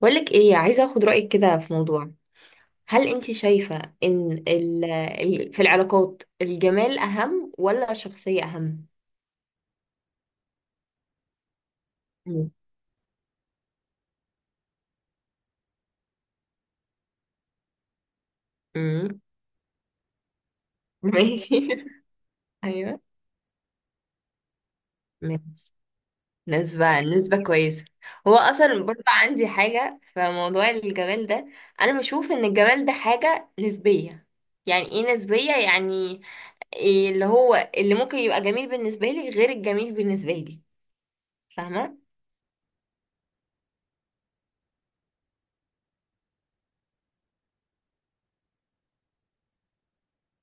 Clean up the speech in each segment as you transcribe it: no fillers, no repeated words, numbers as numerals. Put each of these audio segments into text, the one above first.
بقولك ايه، عايزة اخد رأيك كده في موضوع. هل انت شايفة ان في العلاقات الجمال اهم ولا الشخصية اهم؟ مم. مم. ماشي ايوه. ماشي. نسبة نسبة كويسة. هو اصلا برضه عندي حاجة في موضوع الجمال ده. انا بشوف ان الجمال ده حاجة نسبية. يعني ايه نسبية؟ يعني إيه اللي هو اللي ممكن يبقى جميل بالنسبة لي غير الجميل بالنسبة لي؟ فاهمة؟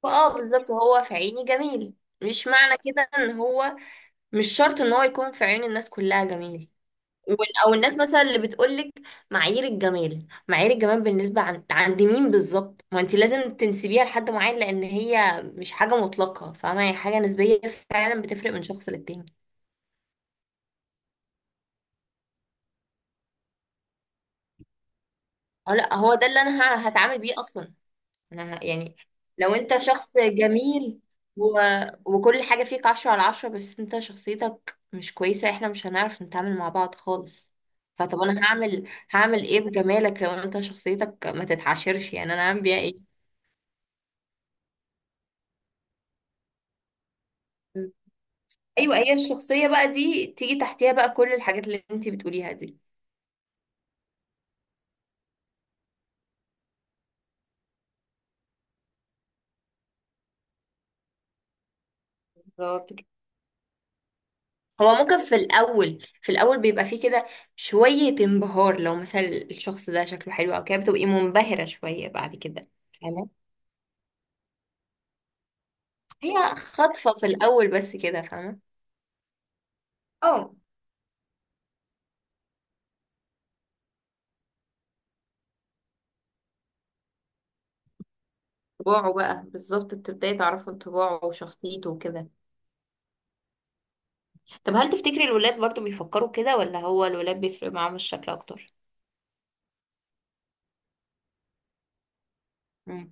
اه، بالظبط، هو في عيني جميل. مش معنى كده ان هو، مش شرط ان هو يكون في عين الناس كلها جميل. او الناس مثلا اللي بتقولك معايير الجمال، بالنسبة عن عند مين بالظبط؟ ما انت لازم تنسبيها لحد معين لان هي مش حاجة مطلقة. فاهمة؟ هي حاجة نسبية، فعلا بتفرق من شخص للتاني. اه لا، هو ده اللي انا هتعامل بيه اصلا. انا يعني لو انت شخص جميل و... وكل حاجة فيك عشرة على عشرة، بس انت شخصيتك مش كويسة، احنا مش هنعرف نتعامل مع بعض خالص. فطب انا هعمل ايه بجمالك لو انت شخصيتك ما تتعاشرش؟ يعني انا هعمل بيها ايه؟ ايوه، هي الشخصية بقى دي تيجي تحتيها بقى كل الحاجات اللي انت بتقوليها دي. بالظبط كده. هو ممكن في الأول بيبقى فيه كده شوية انبهار. لو مثلا الشخص ده شكله حلو أو كده بتبقي منبهرة شوية، بعد كده هي خطفة في الأول بس كده. فاهمة؟ اه، طباعه بقى، بالظبط بتبداي تعرفي طباعه وشخصيته وكده. طب هل تفتكري الولاد برضو بيفكروا كده ولا هو الولاد بيفرق معاهم الشكل أكتر؟ مم.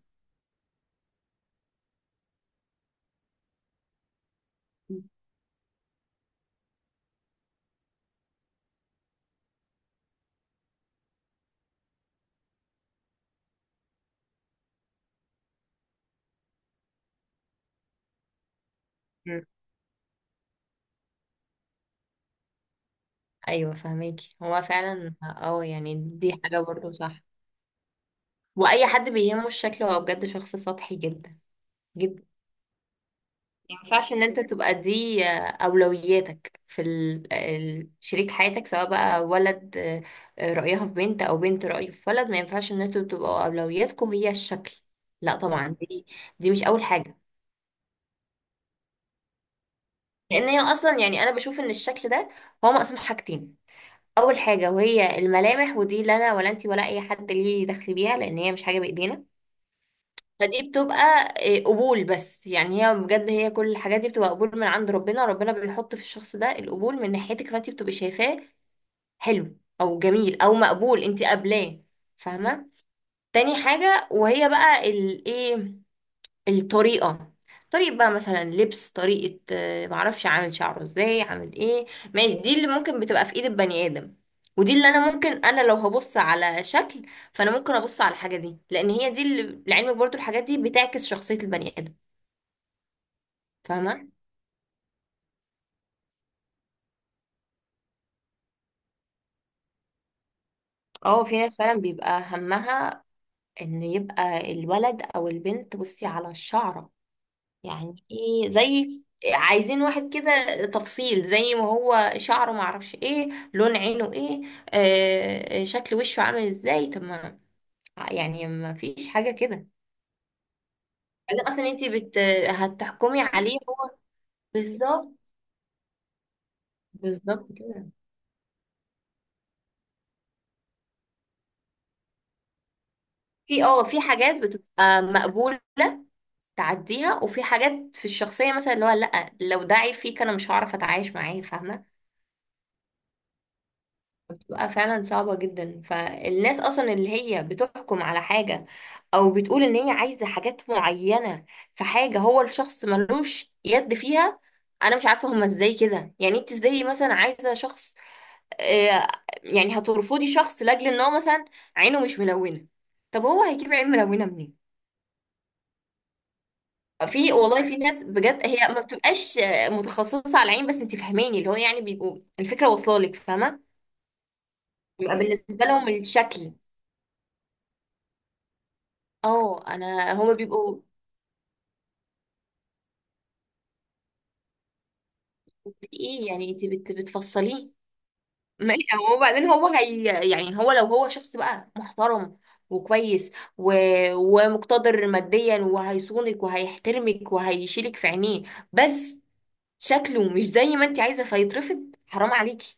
مم. أيوة فهماكي، هو فعلا اه يعني دي حاجة برضو صح. وأي حد بيهمه الشكل هو بجد شخص سطحي جدا. ينفعش ان انت تبقى دي اولوياتك في شريك حياتك، سواء بقى ولد، رأيها في بنت او بنت رأيه في ولد، ما ينفعش ان انتوا تبقوا اولوياتكم هي الشكل. لا طبعا، دي مش اول حاجة. لان هي اصلا، يعني انا بشوف ان الشكل ده هو مقسوم حاجتين. اول حاجة وهي الملامح، ودي لا انا ولا انت ولا اي حد ليه دخل بيها، لان هي مش حاجة بايدينا. فدي بتبقى إيه، قبول بس. يعني هي بجد هي كل الحاجات دي بتبقى قبول من عند ربنا. ربنا بيحط في الشخص ده القبول من ناحيتك، فانت بتبقي شايفاه حلو او جميل او مقبول، انت قابلاه. فاهمه؟ تاني حاجه وهي بقى الايه، الطريقة. طريقة بقى مثلا لبس، طريقة معرفش، عامل شعره ازاي، عامل ايه. ماشي، دي اللي ممكن بتبقى في ايد البني ادم. ودي اللي انا ممكن، انا لو هبص على شكل فانا ممكن ابص على الحاجة دي، لان هي دي اللي لعلمك برضو الحاجات دي بتعكس شخصية البني ادم. فاهمة؟ اه، في ناس فعلا بيبقى همها ان يبقى الولد او البنت بصي على الشعرة. يعني ايه زي، عايزين واحد كده تفصيل، زي ما هو شعره معرفش ايه، لون عينه ايه، شكل وشه عامل ازاي. طب ما يعني ما فيش حاجة كده. بعدين اصلا انت هتحكمي عليه هو. بالظبط. بالظبط كده. في اه في حاجات بتبقى مقبولة تعديها، وفي حاجات في الشخصية مثلا اللي هو لا، لو ده عيب فيك انا مش هعرف اتعايش معاه. فاهمة؟ بتبقى فعلا صعبة جدا. فالناس أصلا اللي هي بتحكم على حاجة أو بتقول إن هي عايزة حاجات معينة في حاجة هو الشخص ملوش يد فيها. أنا مش عارفة هما إزاي كده، يعني أنت إزاي مثلا عايزة شخص، آه، يعني هترفضي شخص لأجل إن هو مثلا عينه مش ملونة؟ طب هو هيجيب عين ملونة منين؟ في والله في ناس بجد هي ما بتبقاش متخصصة على العين بس، أنت فهماني، اللي هو يعني بيبقوا الفكرة واصلة لك. فاهمة؟ بيبقى بالنسبة لهم الشكل. اه انا هما بيبقوا ايه، يعني انت بتفصليه ما- هو وبعدين هو هي، يعني هو لو هو شخص بقى محترم وكويس و... ومقتدر ماديا وهيصونك وهيحترمك وهيشيلك في عينيه، بس شكله مش زي ما انت عايزه فيترفض. حرام عليكي.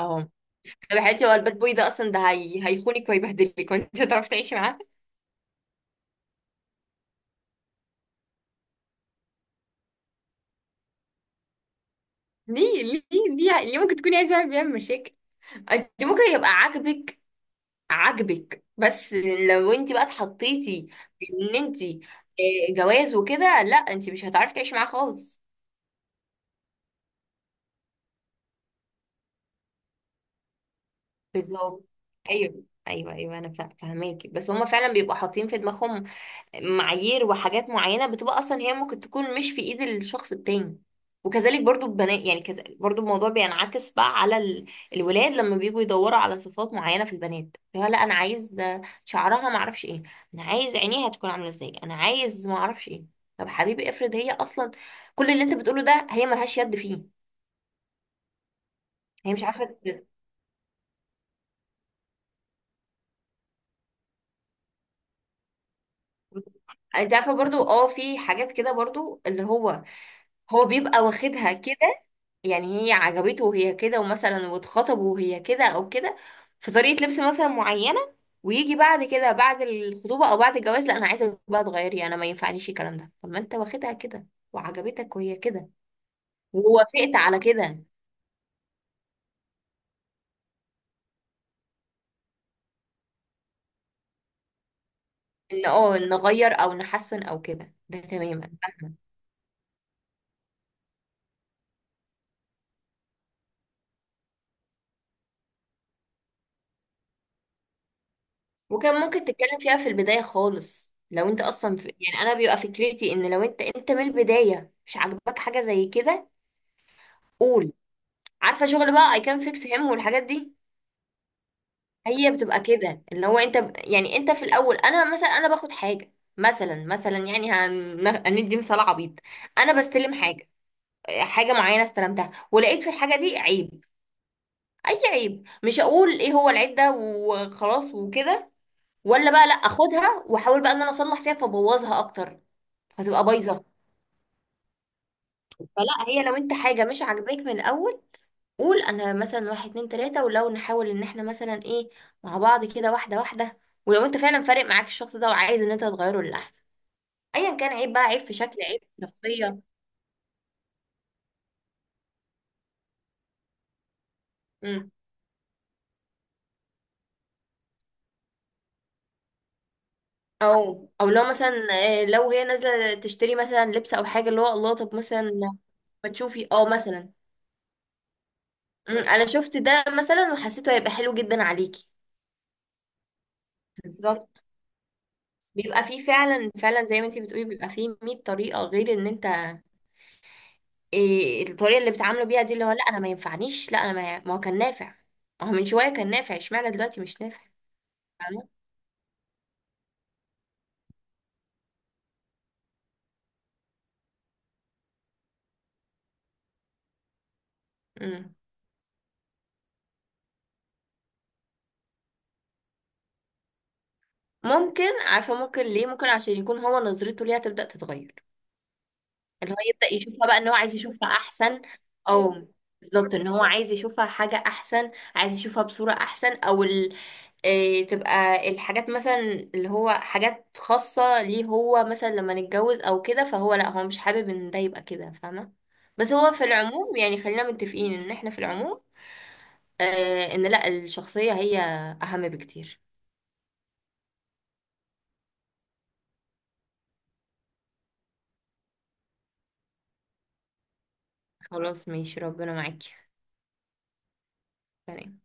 اه. طب يا حياتي هو الباد بوي ده اصلا ده هيخونك ويبهدلك، وانت هتعرفي تعيشي معاه؟ ليه ليه ليه ممكن تكوني عايزه واحد بيعمل مشاكل؟ انت ممكن يبقى عاجبك بس، لو انت بقى اتحطيتي ان انت، جواز وكده، لا انت مش هتعرفي تعيشي معاه خالص. بالظبط. ايوه ايوه ايوه، انا فاهماكي بس هما فعلا بيبقوا حاطين في دماغهم معايير وحاجات معينة بتبقى أصلا هي ممكن تكون مش في إيد الشخص التاني. وكذلك برضو البنات، يعني كذلك برضو الموضوع بينعكس بقى على الولاد لما بيجوا يدوروا على صفات معينة في البنات. اللي هو لا أنا عايز شعرها معرفش إيه، أنا عايز عينيها تكون عاملة إزاي، أنا عايز معرفش إيه. طب حبيبي افرض هي أصلا كل اللي أنت بتقوله ده هي ملهاش يد فيه. هي مش عارفة. انت عارفة برضو اه في حاجات كده برضو اللي هو، هو بيبقى واخدها كده. يعني هي عجبته وهي كده، ومثلا واتخطبوا وهي كده او كده، في طريقة لبس مثلا معينة. ويجي بعد كده، بعد الخطوبة او بعد الجواز، لا انا عايزة بقى تغيري. انا ما ينفعنيش الكلام ده. طب ما انت واخدها كده وعجبتك وهي كده ووافقت على كده. ان اه نغير او نحسن او كده، ده تماما. فاهمة؟ وكان ممكن تتكلم فيها في البداية خالص لو انت اصلا يعني انا بيبقى فكرتي ان لو انت من البداية مش عاجباك حاجة زي كده، قول. عارفة شغل بقى I can fix him والحاجات دي. هي بتبقى كده، اللي هو انت يعني انت في الاول، انا باخد حاجه مثلا يعني هندي مثال عبيط. انا بستلم حاجه، حاجه معينه، استلمتها ولقيت في الحاجه دي عيب، اي عيب. مش هقول ايه هو العيب ده وخلاص وكده، ولا بقى لا اخدها واحاول بقى ان انا اصلح فيها فبوظها اكتر، فتبقى بايظه. فلا، هي لو انت حاجه مش عاجباك من الاول، قول انا مثلا واحد اتنين تلاتة، ولو نحاول ان احنا مثلا ايه مع بعض كده واحدة واحدة، ولو انت فعلا فارق معاك الشخص ده وعايز ان انت تغيره للأحسن، ايا كان عيب بقى، عيب في شكل عيب في شخصية. مم. او او لو مثلا، لو هي نازلة تشتري مثلا لبس او حاجة، اللي هو الله، طب مثلا ما تشوفي اه مثلا، مم، انا شفت ده مثلا وحسيته هيبقى حلو جدا عليكي. بالظبط. بيبقى فيه فعلا فعلا زي ما انتي بتقولي بيبقى فيه 100 طريقة غير ان انت إيه الطريقه اللي بيتعاملوا بيها دي، اللي هو لا انا ما ينفعنيش. لا انا ما هو كان نافع، ما هو من شويه كان نافع، اشمعنى دلوقتي مش نافع؟ فاهمة؟ مم. ممكن، عارفه ممكن ليه، ممكن عشان يكون هو نظرته ليها تبدا تتغير. اللي هو يبدا يشوفها بقى ان هو عايز يشوفها احسن، او بالظبط ان هو عايز يشوفها حاجه احسن، عايز يشوفها بصوره احسن، او إيه، تبقى الحاجات مثلا اللي هو حاجات خاصة ليه هو مثلا لما نتجوز او كده، فهو لا هو مش حابب ان ده يبقى كده. فاهمة؟ بس هو في العموم يعني خلينا متفقين ان احنا في العموم، آه، ان لا الشخصية هي اهم بكتير. خلاص ماشي، ربنا معاكي. سلام.